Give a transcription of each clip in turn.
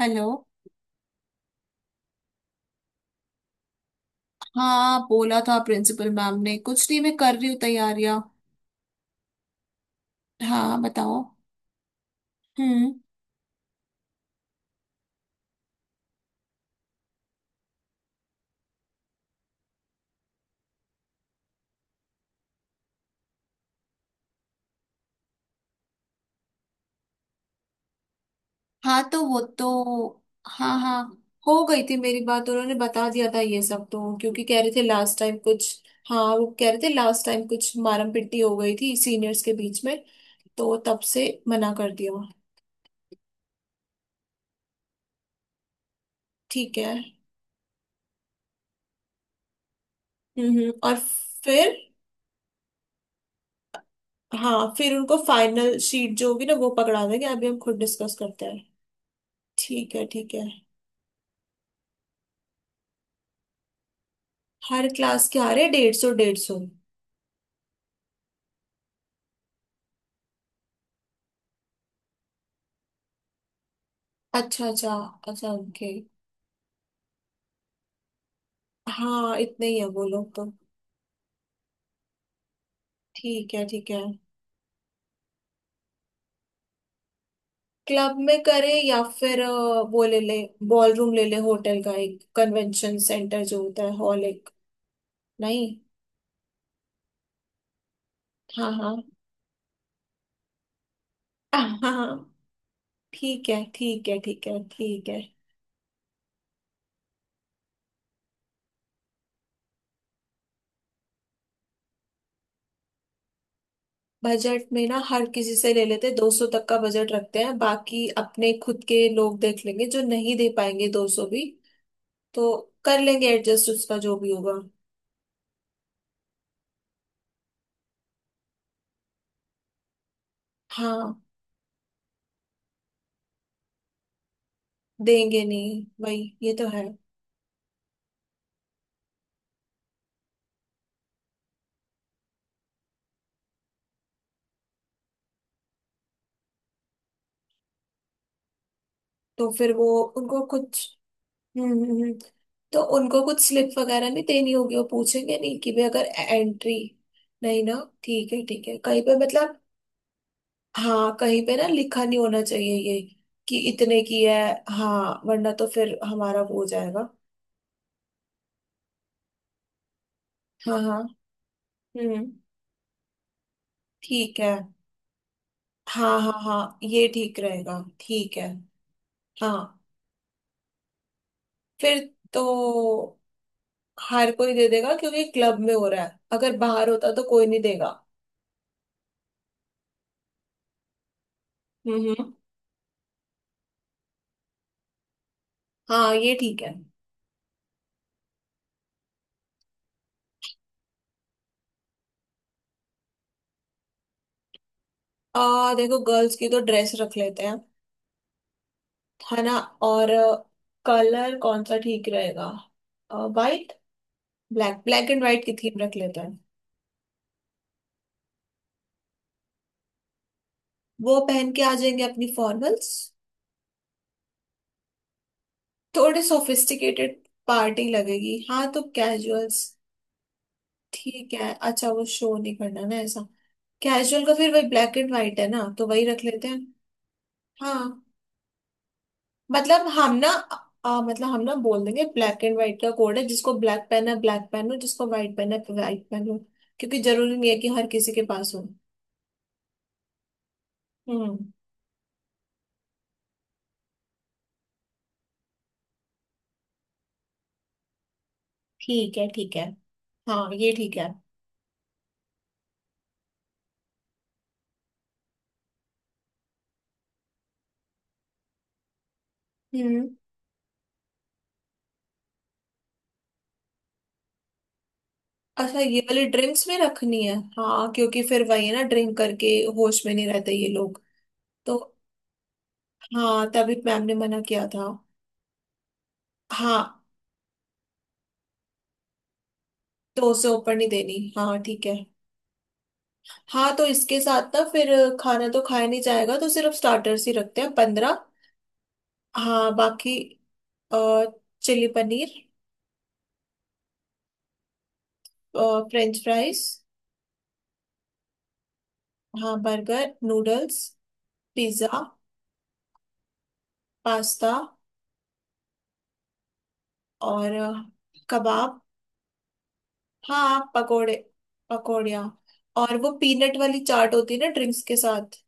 Hello. हाँ, बोला था प्रिंसिपल मैम ने। कुछ नहीं, मैं कर रही हूँ तैयारियां। हाँ, बताओ। हम्म। हाँ, तो वो तो। हाँ, हाँ। हो गई थी मेरी बात, उन्होंने बता दिया था ये सब, तो क्योंकि कह रहे थे लास्ट टाइम कुछ। हाँ, वो कह रहे थे लास्ट टाइम कुछ मारम पिट्टी हो गई थी सीनियर्स के बीच में, तो तब से मना कर दिया। ठीक है। और? फिर? हाँ, फिर उनको फाइनल शीट जो होगी ना वो पकड़ा देंगे, अभी हम खुद डिस्कस करते हैं। ठीक है, ठीक है। हर क्लास के आ रहे 150 150। अच्छा, अच्छा। अच्छा, ओके। हाँ, इतने ही है वो लोग तो। ठीक है, ठीक है। क्लब में करें या फिर वो ले ले बॉल रूम ले ले, होटल का एक कन्वेंशन सेंटर जो होता है, हॉल एक। नहीं। हाँ, हाँ। हाँ, हाँ। ठीक है, ठीक है, ठीक है, ठीक है। बजट में ना हर किसी से ले लेते, 200 तक का बजट रखते हैं, बाकी अपने खुद के लोग देख लेंगे जो नहीं दे पाएंगे 200 भी। तो कर लेंगे एडजस्ट उसका, जो भी होगा। हाँ। देंगे नहीं, वही ये तो है। तो फिर वो उनको कुछ। हम्म हम्म, हम्म। तो उनको कुछ स्लिप वगैरह नहीं देनी होगी? वो पूछेंगे नहीं कि भी अगर एंट्री? नहीं ना। ठीक है, ठीक है, कहीं पे मतलब। हाँ, कहीं पे ना लिखा नहीं होना चाहिए ये, कि इतने की है। हाँ, वरना तो फिर हमारा वो हो जाएगा। हाँ, हाँ। हम्म। ठीक है। हाँ, हाँ, हाँ, ये ठीक रहेगा, ठीक है। हाँ। फिर तो हर कोई दे देगा, क्योंकि क्लब में हो रहा है, अगर बाहर होता तो कोई नहीं देगा। हम्म। हाँ, ये ठीक है। आ देखो, गर्ल्स की तो ड्रेस रख लेते हैं, है ना। और कलर कौन सा ठीक रहेगा? White? Black? Black and white की थीम रख लेते हैं। वो पहन के आ जाएंगे अपनी फॉर्मल्स। थोड़े सोफिस्टिकेटेड पार्टी लगेगी, हाँ, तो कैजुअल्स। ठीक है, अच्छा, वो शो नहीं करना ना ऐसा। कैजुअल का फिर वही ब्लैक एंड व्हाइट है ना, तो वही रख लेते हैं। हाँ, मतलब हम ना मतलब हम ना बोल देंगे ब्लैक एंड व्हाइट का कोड है, जिसको ब्लैक पेन है ब्लैक पेन हो, जिसको व्हाइट पेन है व्हाइट पेन हो। क्योंकि जरूरी नहीं है कि हर किसी के पास हो। हम्म। ठीक है, ठीक है। हाँ, ये ठीक है। हम्म। अच्छा, ये वाली ड्रिंक्स में रखनी है हाँ, क्योंकि फिर वही है ना, ड्रिंक करके होश में नहीं रहते ये लोग। तो हाँ, तभी मैम ने मना किया था। हाँ, तो उसे ऊपर नहीं देनी, हाँ, ठीक है। हाँ, तो इसके साथ ना फिर खाना तो खाया नहीं जाएगा, तो सिर्फ स्टार्टर्स ही रखते हैं 15। हाँ, बाकी चिली पनीर, फ्रेंच फ्राइज, हाँ, बर्गर, नूडल्स, पिज्ज़ा, पास्ता, और कबाब। हाँ, पकोड़े, पकौड़िया, और वो पीनट वाली चाट होती है ना ड्रिंक्स के साथ,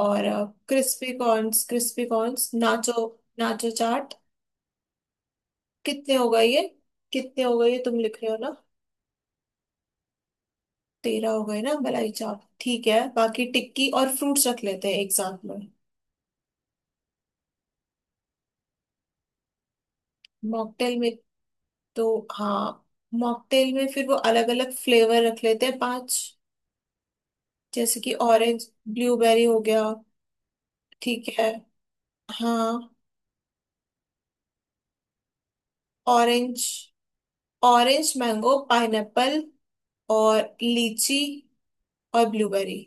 और crispy corns, nacho, nacho chaat. कितने हो गए ये? कितने हो गए ये, तुम लिख रहे हो ना? 13 हो गए ना मलाई चाप। ठीक है, बाकी टिक्की और फ्रूट्स रख लेते हैं, एक साथ में। मॉकटेल में? तो हाँ, मॉकटेल में फिर वो अलग अलग फ्लेवर रख लेते हैं, 5। जैसे कि ऑरेंज, ब्लूबेरी हो गया, ठीक है। हाँ, ऑरेंज, ऑरेंज मैंगो पाइनएप्पल, और लीची, और ब्लूबेरी।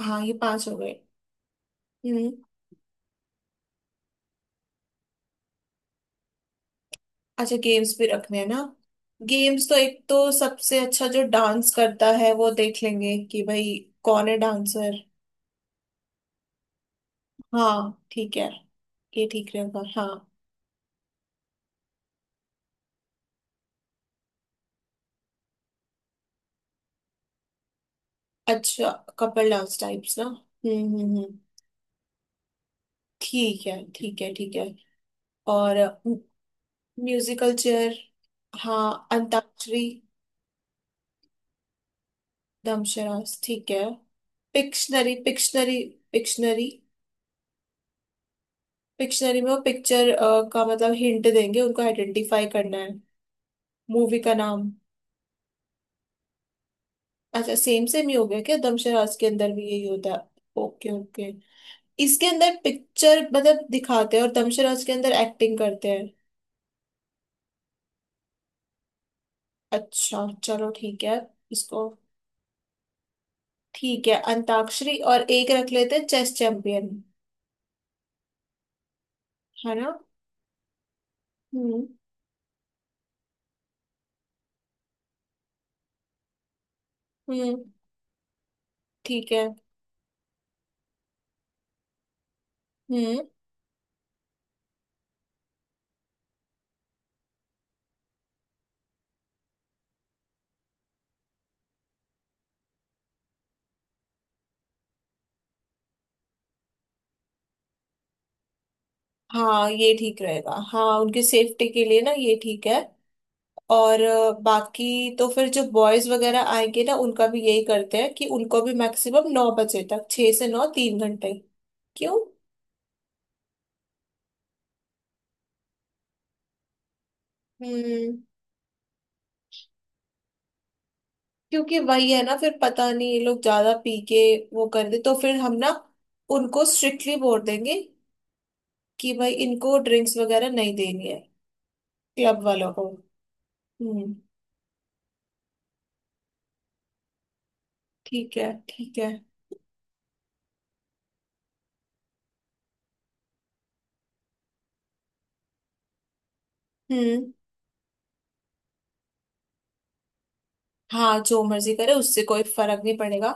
हाँ, ये 5 हो गए। हम्म। अच्छा, गेम्स भी रखने हैं ना। गेम्स तो एक तो सबसे अच्छा जो डांस करता है वो देख लेंगे कि भाई कौन है डांसर। हाँ, ठीक है। ये ठीक रहेगा, हाँ। अच्छा, कपल डांस टाइप्स ना। हम्म। ठीक है, ठीक है, ठीक है। और म्यूजिकल चेयर। हाँ, अंताक्षरी। दमशरास ठीक है। Pictionary Pictionary Pictionary Pictionary. में वो पिक्चर का मतलब हिंट देंगे, उनको आइडेंटिफाई करना है मूवी का नाम। अच्छा, सेम सेम ही हो गया क्या? दमशरास के अंदर भी यही होता है? Okay, okay. इसके अंदर पिक्चर मतलब दिखाते हैं, और दमशरास के अंदर एक्टिंग करते हैं। अच्छा, चलो ठीक है। इसको ठीक है अंताक्षरी, और एक रख लेते हैं चेस चैंपियन, है ना। हम्म हम्म। ठीक है। हम्म। हाँ, ये ठीक रहेगा, हाँ, उनकी सेफ्टी के लिए ना, ये ठीक है। और बाकी तो फिर जो बॉयज वगैरह आएंगे ना, उनका भी यही करते हैं कि उनको भी मैक्सिमम 9 बजे तक, 6 से 9, 3 घंटे। क्यों? हम्म। क्योंकि वही है ना, फिर पता नहीं ये लोग ज्यादा पी के वो कर दे, तो फिर हम ना उनको स्ट्रिक्टली बोल देंगे कि भाई इनको ड्रिंक्स वगैरह नहीं देनी है क्लब वालों को। हम्म। ठीक है, ठीक है। हम्म। हाँ, जो मर्जी करे, उससे कोई फर्क नहीं पड़ेगा।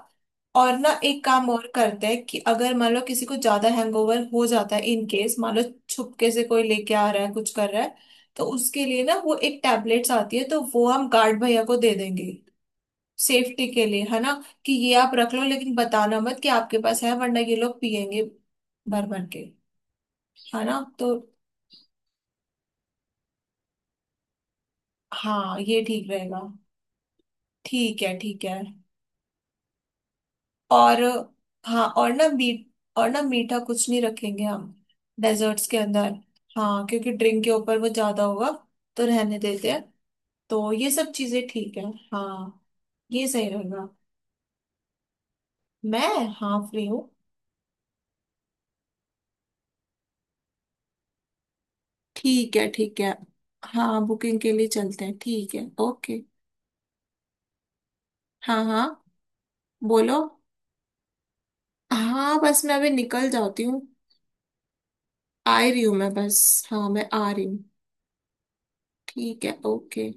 और ना एक काम और करते हैं कि अगर मान लो किसी को ज्यादा हैंगओवर हो जाता है, इन केस मान लो छुपके से कोई लेके आ रहा है, कुछ कर रहा है, तो उसके लिए ना वो एक टैबलेट्स आती है, तो वो हम गार्ड भैया को दे देंगे सेफ्टी के लिए, है ना। कि ये आप रख लो, लेकिन बताना मत कि आपके पास है, वरना ये लोग पिएंगे भर भर के। है ना, तो हाँ, ये ठीक रहेगा। ठीक है, ठीक है। और हाँ, और ना मीठा कुछ नहीं रखेंगे हम, डेजर्ट्स के अंदर। हाँ, क्योंकि ड्रिंक के ऊपर वो ज्यादा होगा, तो रहने देते हैं। तो ये सब चीजें ठीक है। हाँ, ये सही रहेगा। मैं? हाँ, फ्री हूँ। ठीक है, ठीक है। हाँ, बुकिंग के लिए चलते हैं, ठीक है, ओके। हाँ, हाँ। बोलो। हाँ, बस मैं अभी निकल जाती हूँ। आ ही रही हूँ मैं, बस। हाँ, मैं आ रही हूँ। ठीक है, ओके।